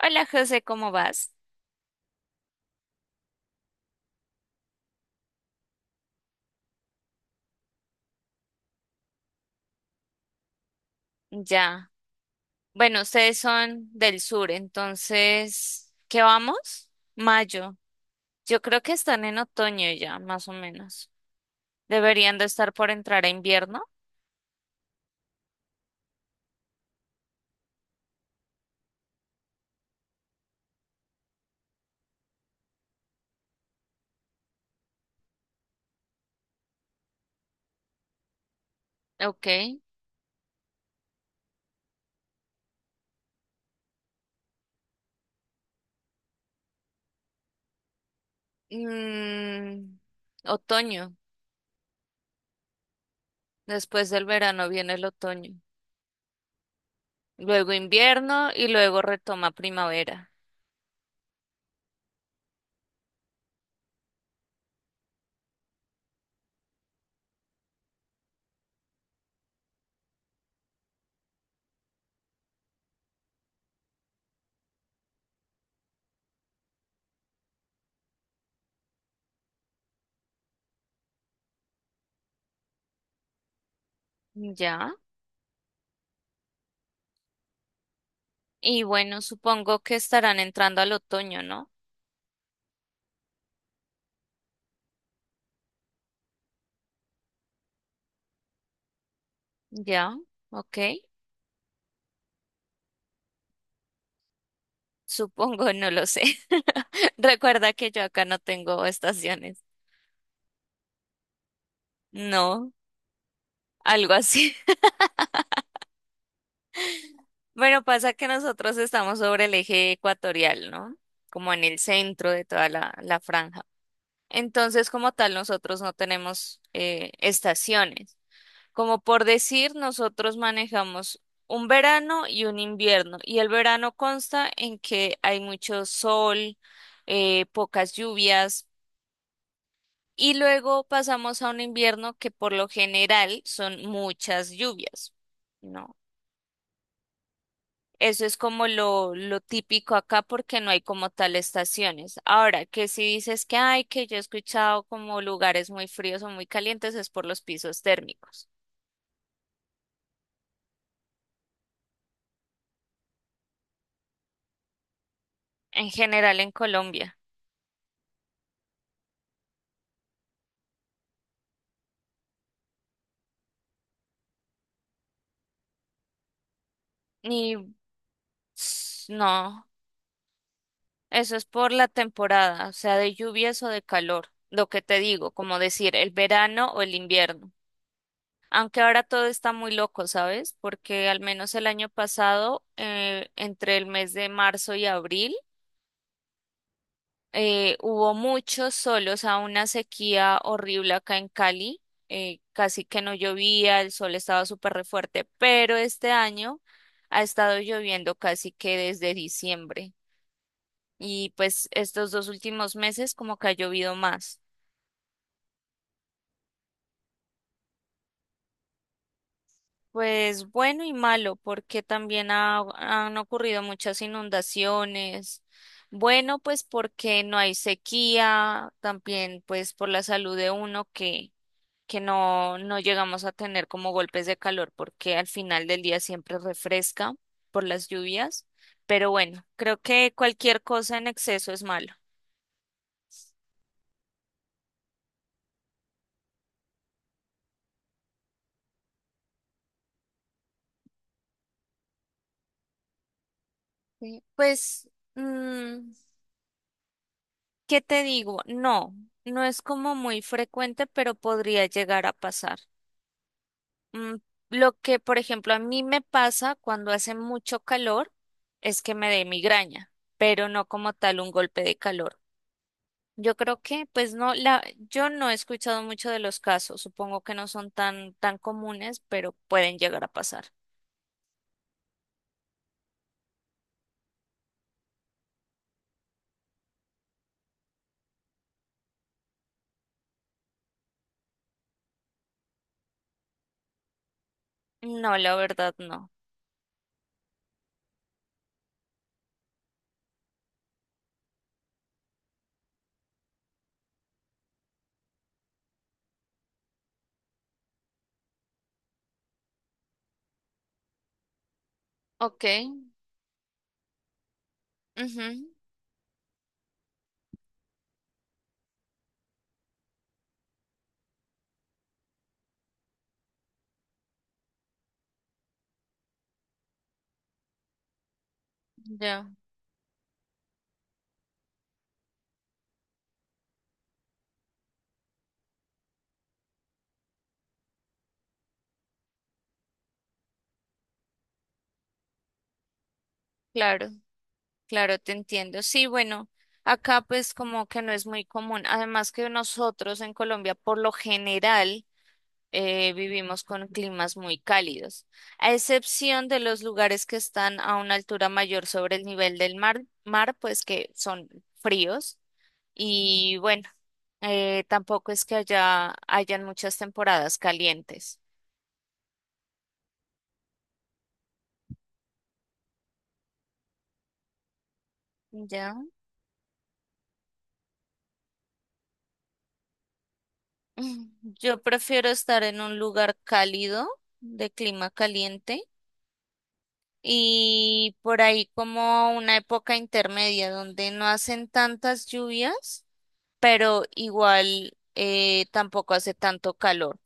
Hola José, ¿cómo vas? Ya. Bueno, ustedes son del sur, entonces, ¿qué vamos? Mayo. Yo creo que están en otoño ya, más o menos. Deberían de estar por entrar a invierno. Ok. Mm, otoño. Después del verano viene el otoño. Luego invierno y luego retoma primavera. Ya. Y bueno, supongo que estarán entrando al otoño, ¿no? Ya. Ok. Supongo, no lo sé. Recuerda que yo acá no tengo estaciones. No, algo así. Bueno, pasa que nosotros estamos sobre el eje ecuatorial, ¿no? Como en el centro de toda la franja. Entonces, como tal, nosotros no tenemos estaciones. Como por decir, nosotros manejamos un verano y un invierno. Y el verano consta en que hay mucho sol, pocas lluvias. Y luego pasamos a un invierno que por lo general son muchas lluvias, ¿no? Eso es como lo típico acá porque no hay como tal estaciones. Ahora, que si dices que hay, que yo he escuchado como lugares muy fríos o muy calientes, es por los pisos térmicos, en general en Colombia. Y ps, no, eso es por la temporada, o sea, de lluvias o de calor, lo que te digo, como decir el verano o el invierno. Aunque ahora todo está muy loco, ¿sabes? Porque al menos el año pasado, entre el mes de marzo y abril, hubo muchos solos, a una sequía horrible acá en Cali. Eh, casi que no llovía, el sol estaba súper re fuerte, pero este año ha estado lloviendo casi que desde diciembre. Y pues estos dos últimos meses como que ha llovido más. Pues bueno y malo, porque también han ocurrido muchas inundaciones. Bueno, pues porque no hay sequía, también pues por la salud de uno que no, no llegamos a tener como golpes de calor, porque al final del día siempre refresca por las lluvias. Pero bueno, creo que cualquier cosa en exceso es malo. Sí, pues, mm, ¿qué te digo? No, no es como muy frecuente, pero podría llegar a pasar. Mm, lo que, por ejemplo, a mí me pasa cuando hace mucho calor es que me dé migraña, pero no como tal un golpe de calor. Yo creo que, pues no, la, yo no he escuchado mucho de los casos. Supongo que no son tan comunes, pero pueden llegar a pasar. No, la verdad no. Ok. Ujú. Ya, claro, claro, te entiendo. Sí, bueno, acá pues como que no es muy común. Además que nosotros en Colombia por lo general vivimos con climas muy cálidos, a excepción de los lugares que están a una altura mayor sobre el nivel del mar, mar pues que son fríos y bueno, tampoco es que hayan muchas temporadas calientes. Ya, yo prefiero estar en un lugar cálido, de clima caliente. Y por ahí como una época intermedia donde no hacen tantas lluvias pero igual tampoco hace tanto calor.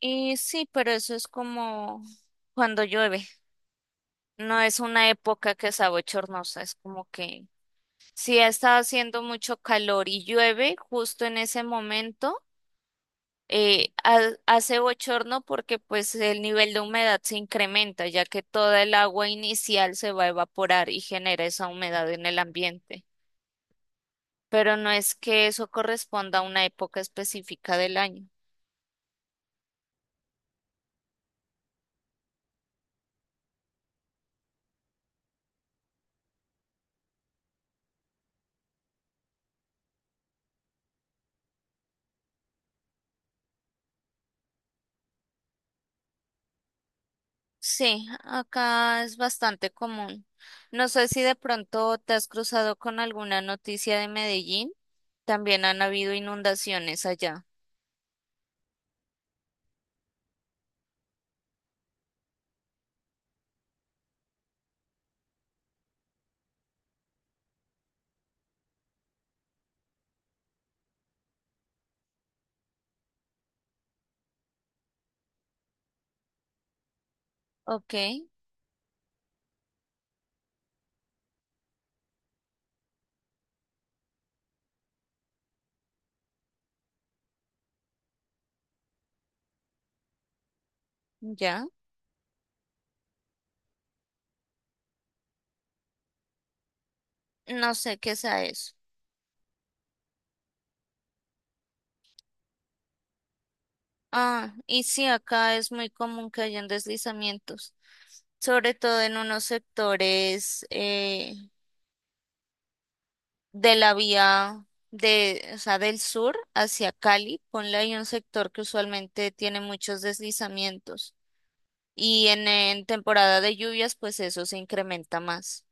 Y sí, pero eso es como cuando llueve. No es una época que sea bochornosa, es como que si ha estado haciendo mucho calor y llueve justo en ese momento, hace bochorno porque pues el nivel de humedad se incrementa, ya que toda el agua inicial se va a evaporar y genera esa humedad en el ambiente. Pero no es que eso corresponda a una época específica del año. Sí, acá es bastante común. No sé si de pronto te has cruzado con alguna noticia de Medellín. También han habido inundaciones allá. Ok. Ya. No sé qué sea eso. Ah, y sí, acá es muy común que hayan deslizamientos, sobre todo en unos sectores de la vía de, o sea, del sur hacia Cali. Ponle ahí un sector que usualmente tiene muchos deslizamientos. Y en temporada de lluvias, pues eso se incrementa más.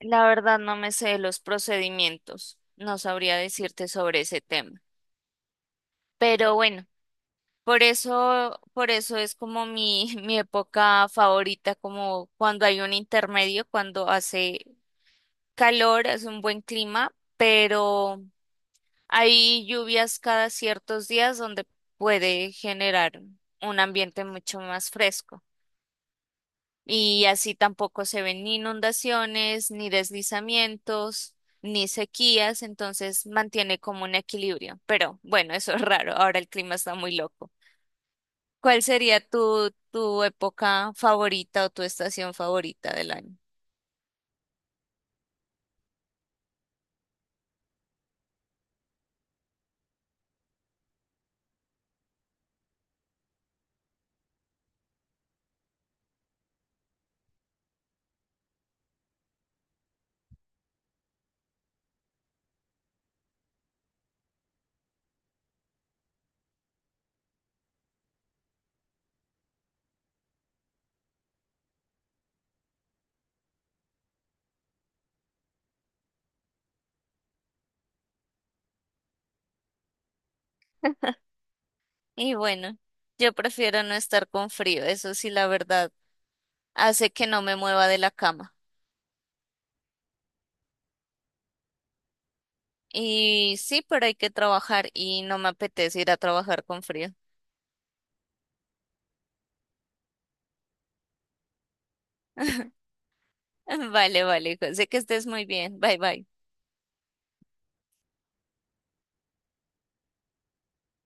La verdad no me sé los procedimientos, no sabría decirte sobre ese tema. Pero bueno, por eso es como mi, mi época favorita, como cuando hay un intermedio, cuando hace calor, hace un buen clima, pero hay lluvias cada ciertos días donde puede generar un ambiente mucho más fresco. Y así tampoco se ven ni inundaciones, ni deslizamientos, ni sequías, entonces mantiene como un equilibrio. Pero bueno, eso es raro, ahora el clima está muy loco. ¿Cuál sería tu época favorita o tu estación favorita del año? Y bueno, yo prefiero no estar con frío, eso sí, la verdad, hace que no me mueva de la cama. Y sí, pero hay que trabajar y no me apetece ir a trabajar con frío. Vale, vale, José, que estés muy bien. Bye, bye.